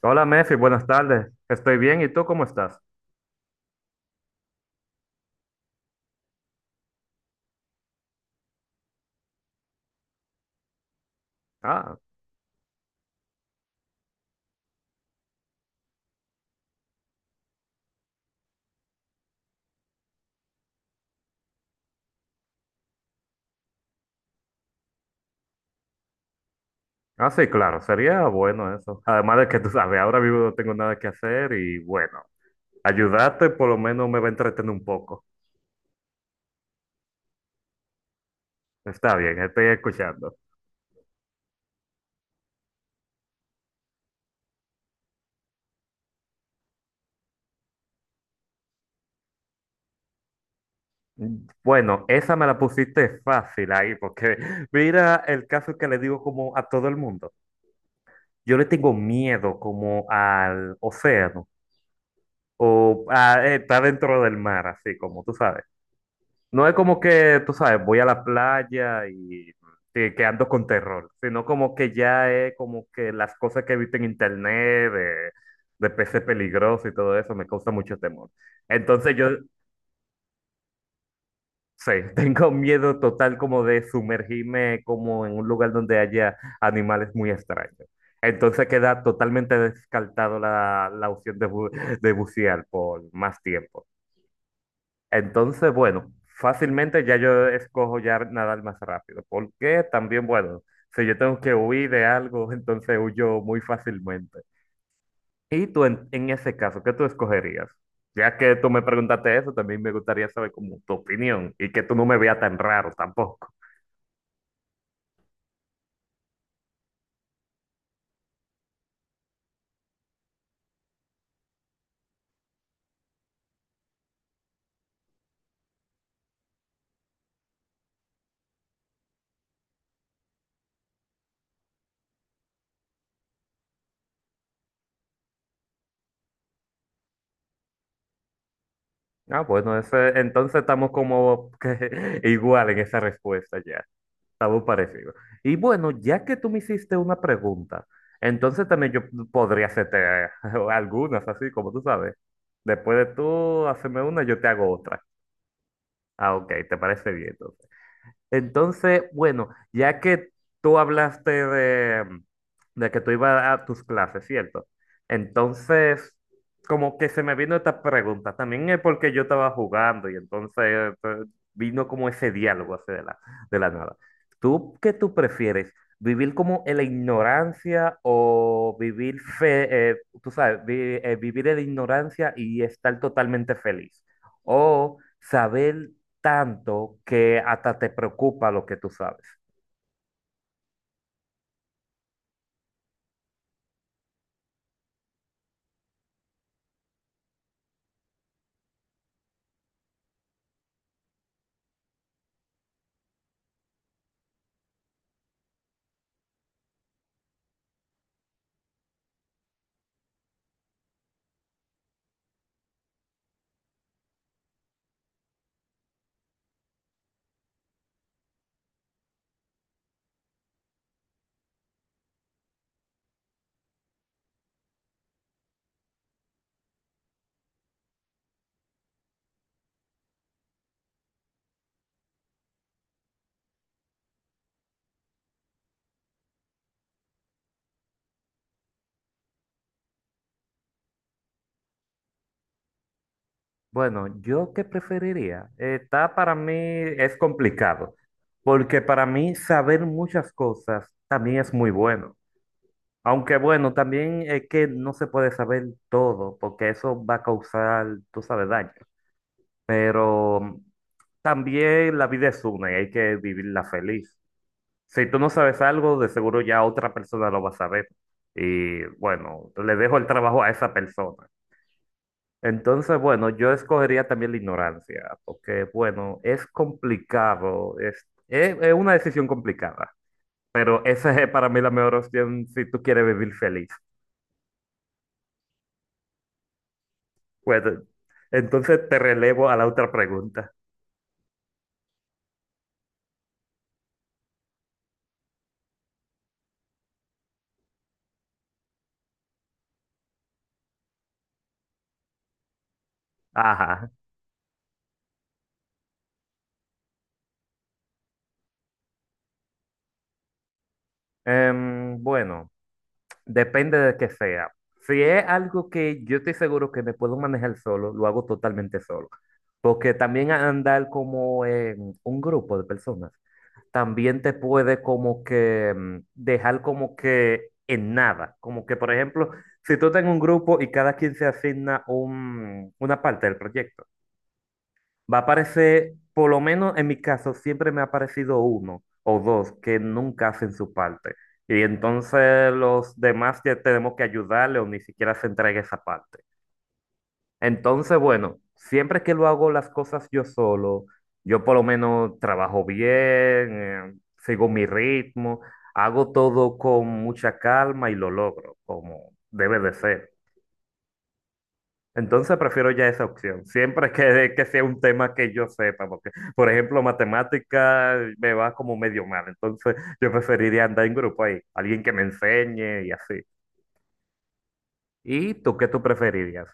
Hola, Mefi, buenas tardes. Estoy bien, ¿y tú cómo estás? Ah, sí, claro, sería bueno eso. Además de que tú sabes, ahora mismo no tengo nada que hacer y bueno, ayudarte por lo menos me va a entretener un poco. Está bien, estoy escuchando. Bueno, esa me la pusiste fácil ahí, porque mira el caso que le digo como a todo el mundo. Yo le tengo miedo como al océano. O está dentro del mar, así como tú sabes. No es como que, tú sabes, voy a la playa y que ando con terror, sino como que ya es como que las cosas que he visto en internet de peces peligrosos y todo eso me causa mucho temor. Entonces yo, sí, tengo miedo total como de sumergirme como en un lugar donde haya animales muy extraños. Entonces queda totalmente descartado la opción de, de bucear por más tiempo. Entonces, bueno, fácilmente ya yo escojo ya nadar más rápido, porque también, bueno, si yo tengo que huir de algo, entonces huyo muy fácilmente. ¿Y tú en ese caso, qué tú escogerías? Ya que tú me preguntaste eso, también me gustaría saber como tu opinión y que tú no me veas tan raro tampoco. Ah, bueno, entonces estamos como que igual en esa respuesta ya. Algo parecido. Y bueno, ya que tú me hiciste una pregunta, entonces también yo podría hacerte eh, algunas, así como tú sabes. Después de tú hacerme una, yo te hago otra. Ah, ok, te parece bien. Entonces, bueno, ya que tú hablaste de, de que tú ibas a tus clases, ¿cierto? Entonces, como que se me vino esta pregunta, también es porque yo estaba jugando y entonces vino como ese diálogo así de la nada. ¿Tú qué tú prefieres? ¿Vivir como en la ignorancia o vivir tú sabes, vivir en la ignorancia y estar totalmente feliz? O saber tanto que hasta te preocupa lo que tú sabes. Bueno, yo qué preferiría. Está para mí es complicado, porque para mí saber muchas cosas también es muy bueno. Aunque bueno, también es que no se puede saber todo, porque eso va a causar, tú sabes, daño. Pero también la vida es una y hay que vivirla feliz. Si tú no sabes algo, de seguro ya otra persona lo va a saber. Y bueno, le dejo el trabajo a esa persona. Entonces, bueno, yo escogería también la ignorancia, porque, bueno, es complicado, es una decisión complicada, pero esa es para mí la mejor opción si tú quieres vivir feliz. Bueno, entonces te relevo a la otra pregunta. Ajá. Bueno. Depende de qué sea. Si es algo que yo estoy seguro que me puedo manejar solo, lo hago totalmente solo. Porque también andar como en un grupo de personas, también te puede como que dejar como que en nada. Como que, por ejemplo, si tú estás en un grupo y cada quien se asigna una parte del proyecto. Va a aparecer, por lo menos en mi caso, siempre me ha aparecido uno o dos que nunca hacen su parte. Y entonces los demás ya tenemos que ayudarle o ni siquiera se entrega esa parte. Entonces, bueno, siempre que lo hago las cosas yo solo, yo por lo menos trabajo bien, sigo mi ritmo, hago todo con mucha calma y lo logro, como debe de ser. Entonces prefiero ya esa opción, siempre que sea un tema que yo sepa, porque, por ejemplo, matemática me va como medio mal, entonces yo preferiría andar en grupo ahí, alguien que me enseñe y así. ¿Y tú qué tú preferirías?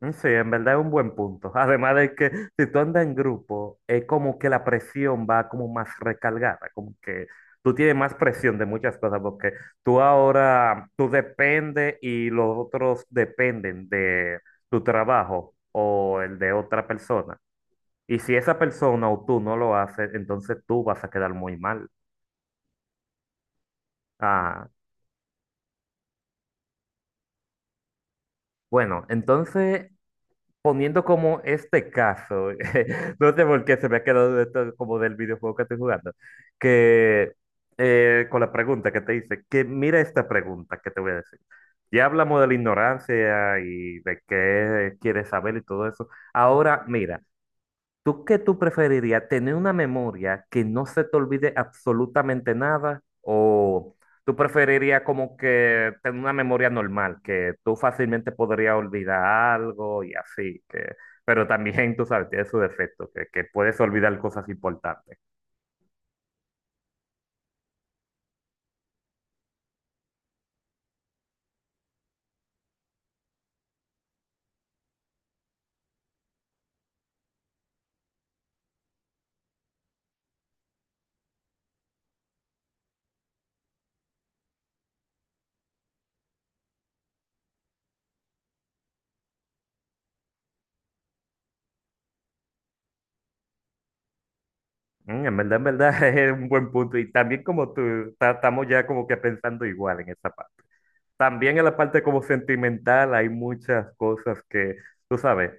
Sí, en verdad es un buen punto. Además de que si tú andas en grupo, es como que la presión va como más recargada, como que tú tienes más presión de muchas cosas, porque tú dependes y los otros dependen de tu trabajo o el de otra persona. Y si esa persona o tú no lo haces, entonces tú vas a quedar muy mal. Ah, bueno, entonces poniendo como este caso, no sé por qué se me ha quedado esto como del videojuego que estoy jugando, que con la pregunta que te hice, que mira esta pregunta que te voy a decir. Ya hablamos de la ignorancia y de qué quieres saber y todo eso. Ahora, mira, ¿tú qué tú preferirías? ¿Tener una memoria que no se te olvide absolutamente nada? ¿O tú preferirías como que tener una memoria normal, que tú fácilmente podrías olvidar algo y así? Que, pero también, tú sabes, tiene su defecto, que puedes olvidar cosas importantes. En verdad, es un buen punto. Y también como tú, estamos ya como que pensando igual en esa parte. También en la parte como sentimental hay muchas cosas que, tú sabes,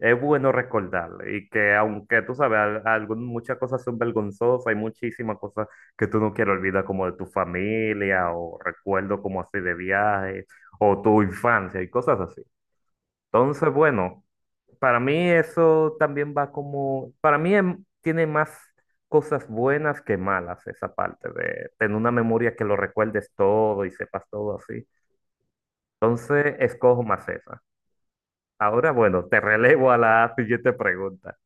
es bueno recordar y que aunque tú sabes, muchas cosas son vergonzosas, hay muchísimas cosas que tú no quieres olvidar como de tu familia o recuerdos como así de viajes o tu infancia y cosas así. Entonces, bueno, para mí eso también va como, para mí tiene más cosas buenas que malas esa parte de tener una memoria que lo recuerdes todo y sepas todo así. Entonces, escojo Maceta. Ahora, bueno, te relevo a la siguiente pregunta.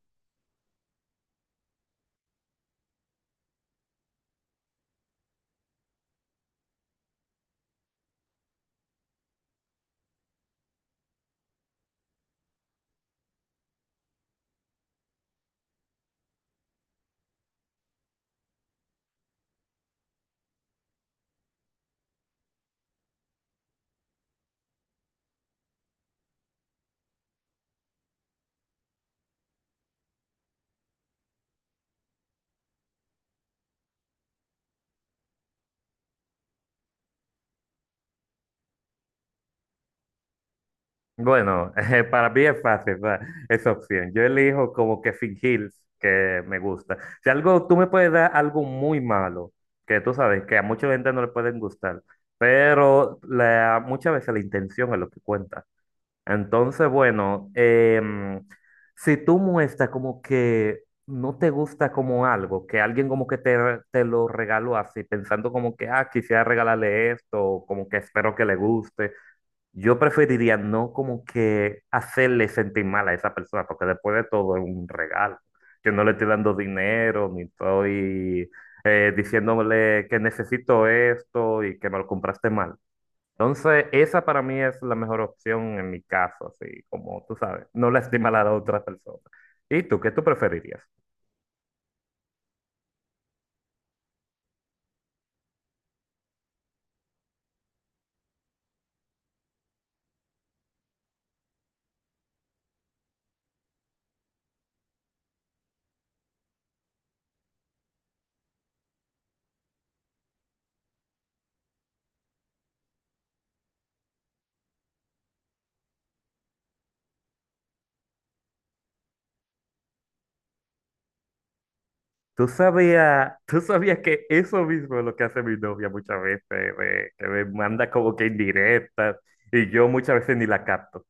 Bueno, para mí es fácil, ¿verdad? Esa opción, yo elijo como que fingir que me gusta. Si algo, tú me puedes dar algo muy malo, que tú sabes que a mucha gente no le pueden gustar, pero la, muchas veces la intención es lo que cuenta. Entonces, bueno, si tú muestras como que no te gusta como algo, que alguien como que te lo regaló así, pensando como que, ah, quisiera regalarle esto, o como que espero que le guste, yo preferiría no como que hacerle sentir mal a esa persona, porque después de todo es un regalo. Yo no le estoy dando dinero, ni estoy diciéndole que necesito esto y que me lo compraste mal. Entonces, esa para mí es la mejor opción en mi caso, así como tú sabes, no lastima a la otra persona. ¿Y tú, qué tú preferirías? Tú sabías que eso mismo es lo que hace mi novia muchas veces, que me manda como que indirectas y yo muchas veces ni la capto?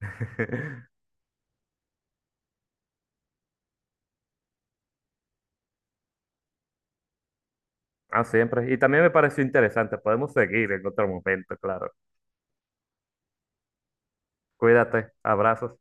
Ah, siempre. Y también me pareció interesante. Podemos seguir en otro momento, claro. Cuídate. Abrazos.